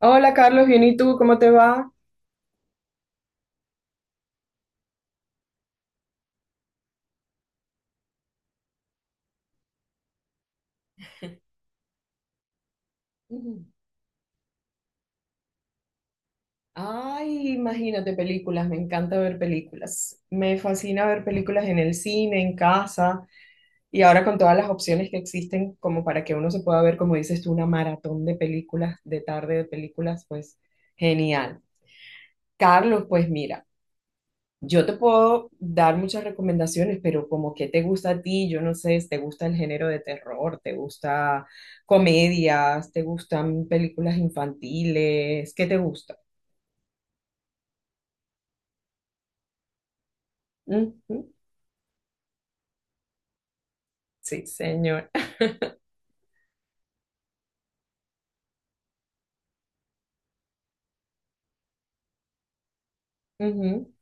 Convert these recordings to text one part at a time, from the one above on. Hola Carlos, bien, ¿y tú? ¿Cómo te va? Ujú. Ay, imagínate películas, me encanta ver películas. Me fascina ver películas en el cine, en casa y ahora con todas las opciones que existen como para que uno se pueda ver, como dices tú, una maratón de películas, de tarde de películas, pues genial. Carlos, pues mira. Yo te puedo dar muchas recomendaciones, pero como que te gusta a ti, yo no sé, te gusta el género de terror, te gusta comedias, te gustan películas infantiles, ¿qué te gusta? Ujú. Sí, señor. Ujú.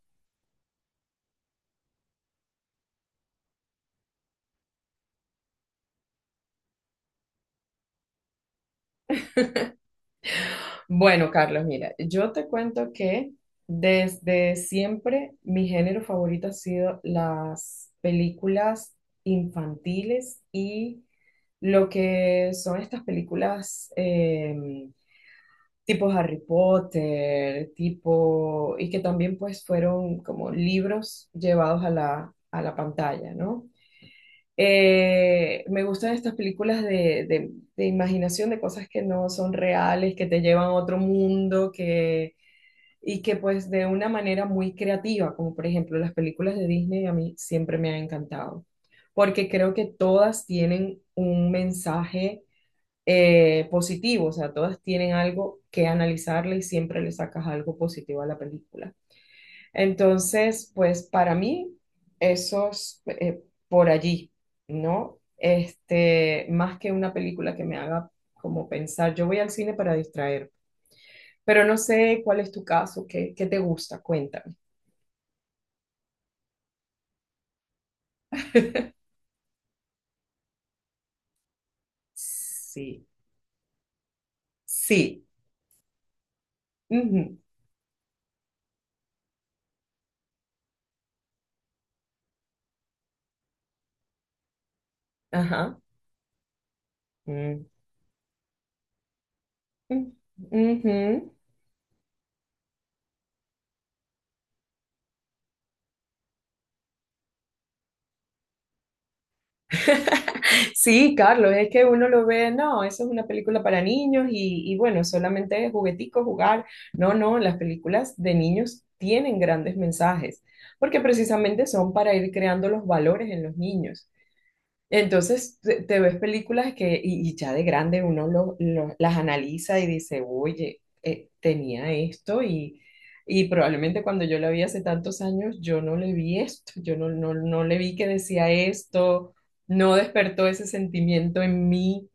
Bueno, Carlos, mira, yo te cuento que desde siempre mi género favorito ha sido las películas infantiles y lo que son estas películas, tipo Harry Potter, tipo, y que también pues fueron como libros llevados a la pantalla, ¿no? Me gustan estas películas de imaginación, de cosas que no son reales, que te llevan a otro mundo, que, y que pues de una manera muy creativa, como por ejemplo las películas de Disney a mí siempre me han encantado, porque creo que todas tienen un mensaje positivo, o sea, todas tienen algo que analizarle y siempre le sacas algo positivo a la película. Entonces, pues para mí, esos por allí, ¿no? Más que una película que me haga como pensar, yo voy al cine para distraer, pero no sé cuál es tu caso, qué, qué te gusta, cuéntame. Sí, sí, ujú, ajá, mm, mm, ujú. Sí, Carlos, es que uno lo ve, no, eso es una película para niños y bueno, solamente es juguetico, jugar. No, no, las películas de niños tienen grandes mensajes, porque precisamente son para ir creando los valores en los niños. Entonces te ves películas que, y ya de grande uno las analiza y dice, oye, tenía esto y probablemente cuando yo la vi hace tantos años, yo no le vi esto, yo no le vi que decía esto, no despertó ese sentimiento en mí.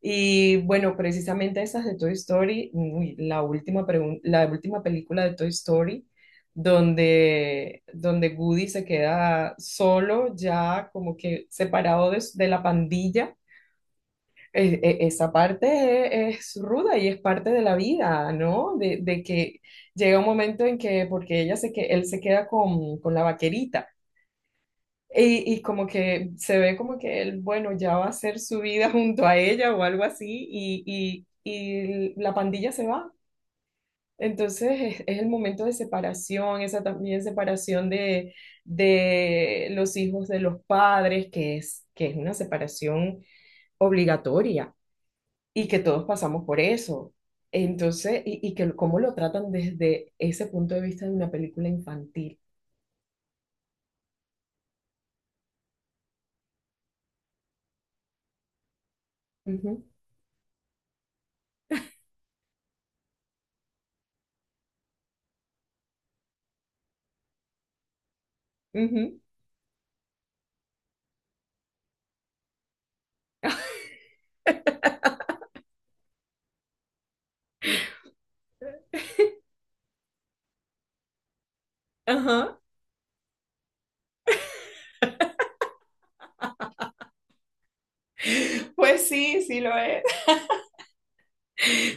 Y bueno, precisamente estas de Toy Story, uy, la última película de Toy Story, donde Woody se queda solo, ya como que separado de la pandilla. Esa parte es ruda y es parte de la vida, ¿no? De que llega un momento en que, porque ella se que él se queda con la vaquerita. Y como que se ve como que él, bueno, ya va a hacer su vida junto a ella o algo así, y la pandilla se va. Entonces es el momento de separación, esa también separación de los hijos de los padres, que es una separación obligatoria y que todos pasamos por eso. Entonces, y que cómo lo tratan desde ese punto de vista de una película infantil. Ujú, ujú, ajá. Pues sí, sí lo es.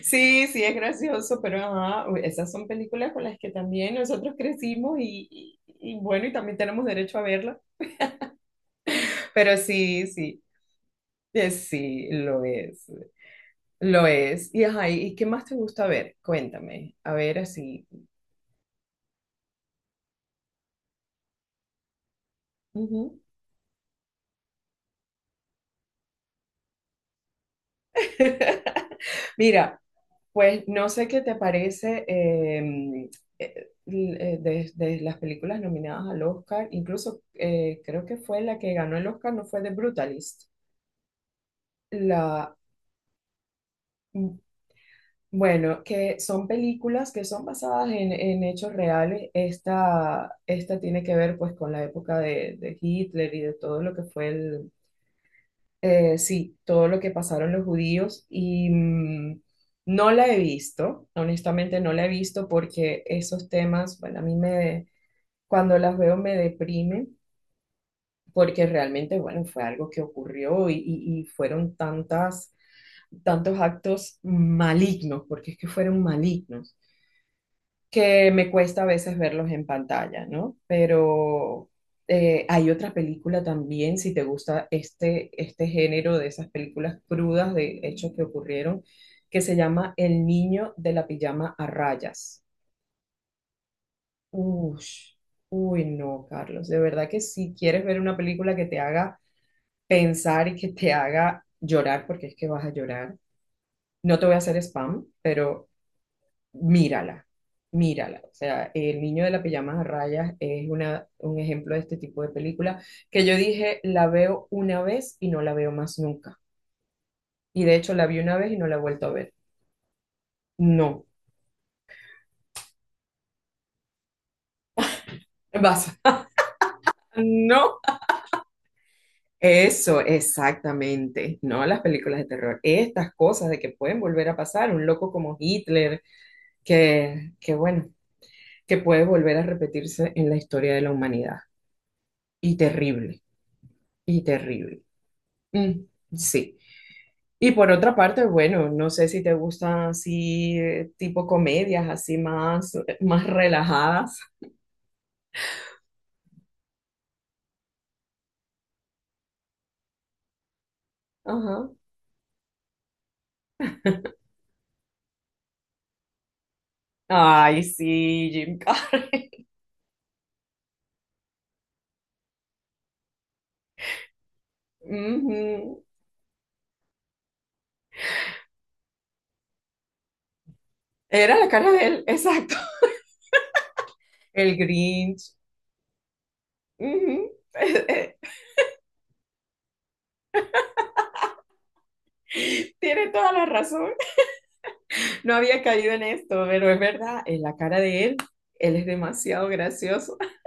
Sí, sí, es gracioso, pero ajá, esas son películas con las que también nosotros crecimos y bueno, y también tenemos derecho a verlas. Pero sí, sí, sí, lo es, lo es. Y ajá, ¿y qué más te gusta ver? Cuéntame, a ver así. Ujú. Mira, pues no sé qué te parece de las películas nominadas al Oscar, incluso creo que fue la que ganó el Oscar, no fue The Brutalist. La, mm, Bueno, que son películas que son basadas en hechos reales. Esta tiene que ver pues con la época de Hitler y de todo lo que fue sí, todo lo que pasaron los judíos. No la he visto, honestamente no la he visto porque esos temas, bueno, cuando las veo me deprime porque realmente, bueno, fue algo que ocurrió y, y fueron tantos actos malignos, porque es que fueron malignos que me cuesta a veces verlos en pantalla, ¿no? Pero hay otra película también, si te gusta este género de esas películas crudas de hechos que ocurrieron, que se llama El niño de la pijama a rayas. Ush, uy, no, Carlos, de verdad que si quieres ver una película que te haga pensar y que te haga llorar, porque es que vas a llorar, no te voy a hacer spam, pero mírala, mírala. O sea, El niño de la pijama a rayas es una, un ejemplo de este tipo de película que yo dije, la veo una vez y no la veo más nunca. Y de hecho la vi una vez y no la he vuelto a ver. No, vas, no. Eso, exactamente. No las películas de terror. Estas cosas de que pueden volver a pasar. Un loco como Hitler, que bueno, que puede volver a repetirse en la historia de la humanidad. Y terrible, y terrible. Mm, sí. Y por otra parte, bueno, no sé si te gustan así tipo comedias, así más, más relajadas. Ajá. Ay, sí, Jim Carrey. Ujú. Era la cara de él, exacto. El Grinch. Ujú. Tiene toda la razón. No había caído en esto, pero es verdad, en la cara de él, él es demasiado gracioso.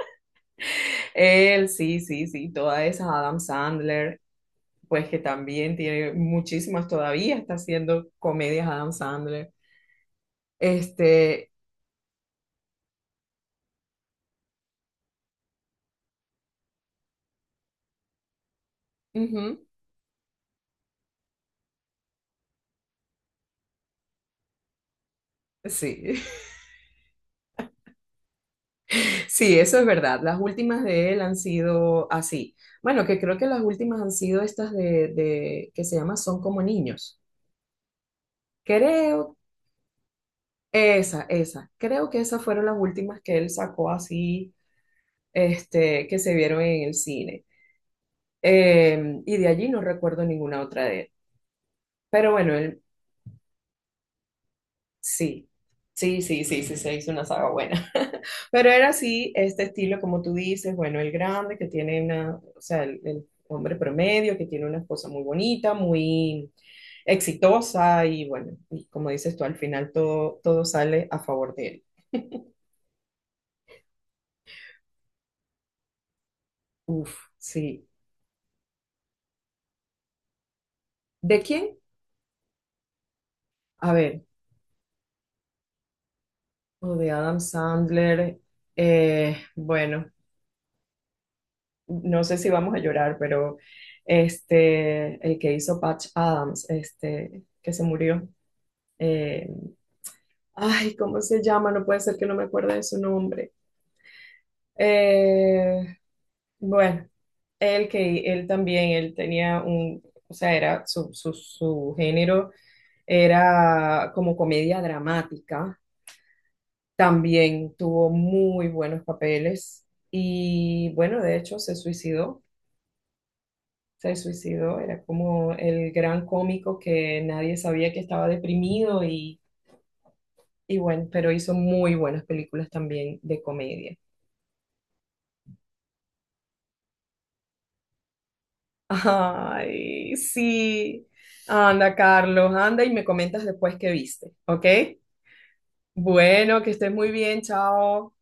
Él, sí, sí, sí, toda esa Adam Sandler. Pues que también tiene muchísimas todavía, está haciendo comedias Adam Sandler. Este, ujú, sí, sí, eso es verdad. Las últimas de él han sido así. Bueno, que creo que las últimas han sido estas que se llama Son como niños. Creo, creo que esas fueron las últimas que él sacó así, este, que se vieron en el cine. Y de allí no recuerdo ninguna otra de él. Pero bueno, sí, sí, sí, sí, sí, se hizo una saga buena. Pero era así, este estilo, como tú dices, bueno, el grande que tiene o sea, el hombre promedio que tiene una esposa muy bonita, muy exitosa y bueno, y como dices tú, al final todo, todo sale a favor de él. Uf, sí. ¿De quién? A ver, o de Adam Sandler. Bueno, no sé si vamos a llorar, pero el que hizo Patch Adams, que se murió. eh, Ay, ¿cómo se llama? No puede ser que no me acuerde de su nombre. Eh, bueno, él que él también, él tenía o sea, era su género era como comedia dramática. También tuvo muy buenos papeles y bueno, de hecho se suicidó. Se suicidó, era como el gran cómico que nadie sabía que estaba deprimido y bueno, pero hizo muy buenas películas también de comedia. Ay, sí. Anda, Carlos, anda y me comentas después qué viste, ¿ok? Bueno, que estés muy bien, chao.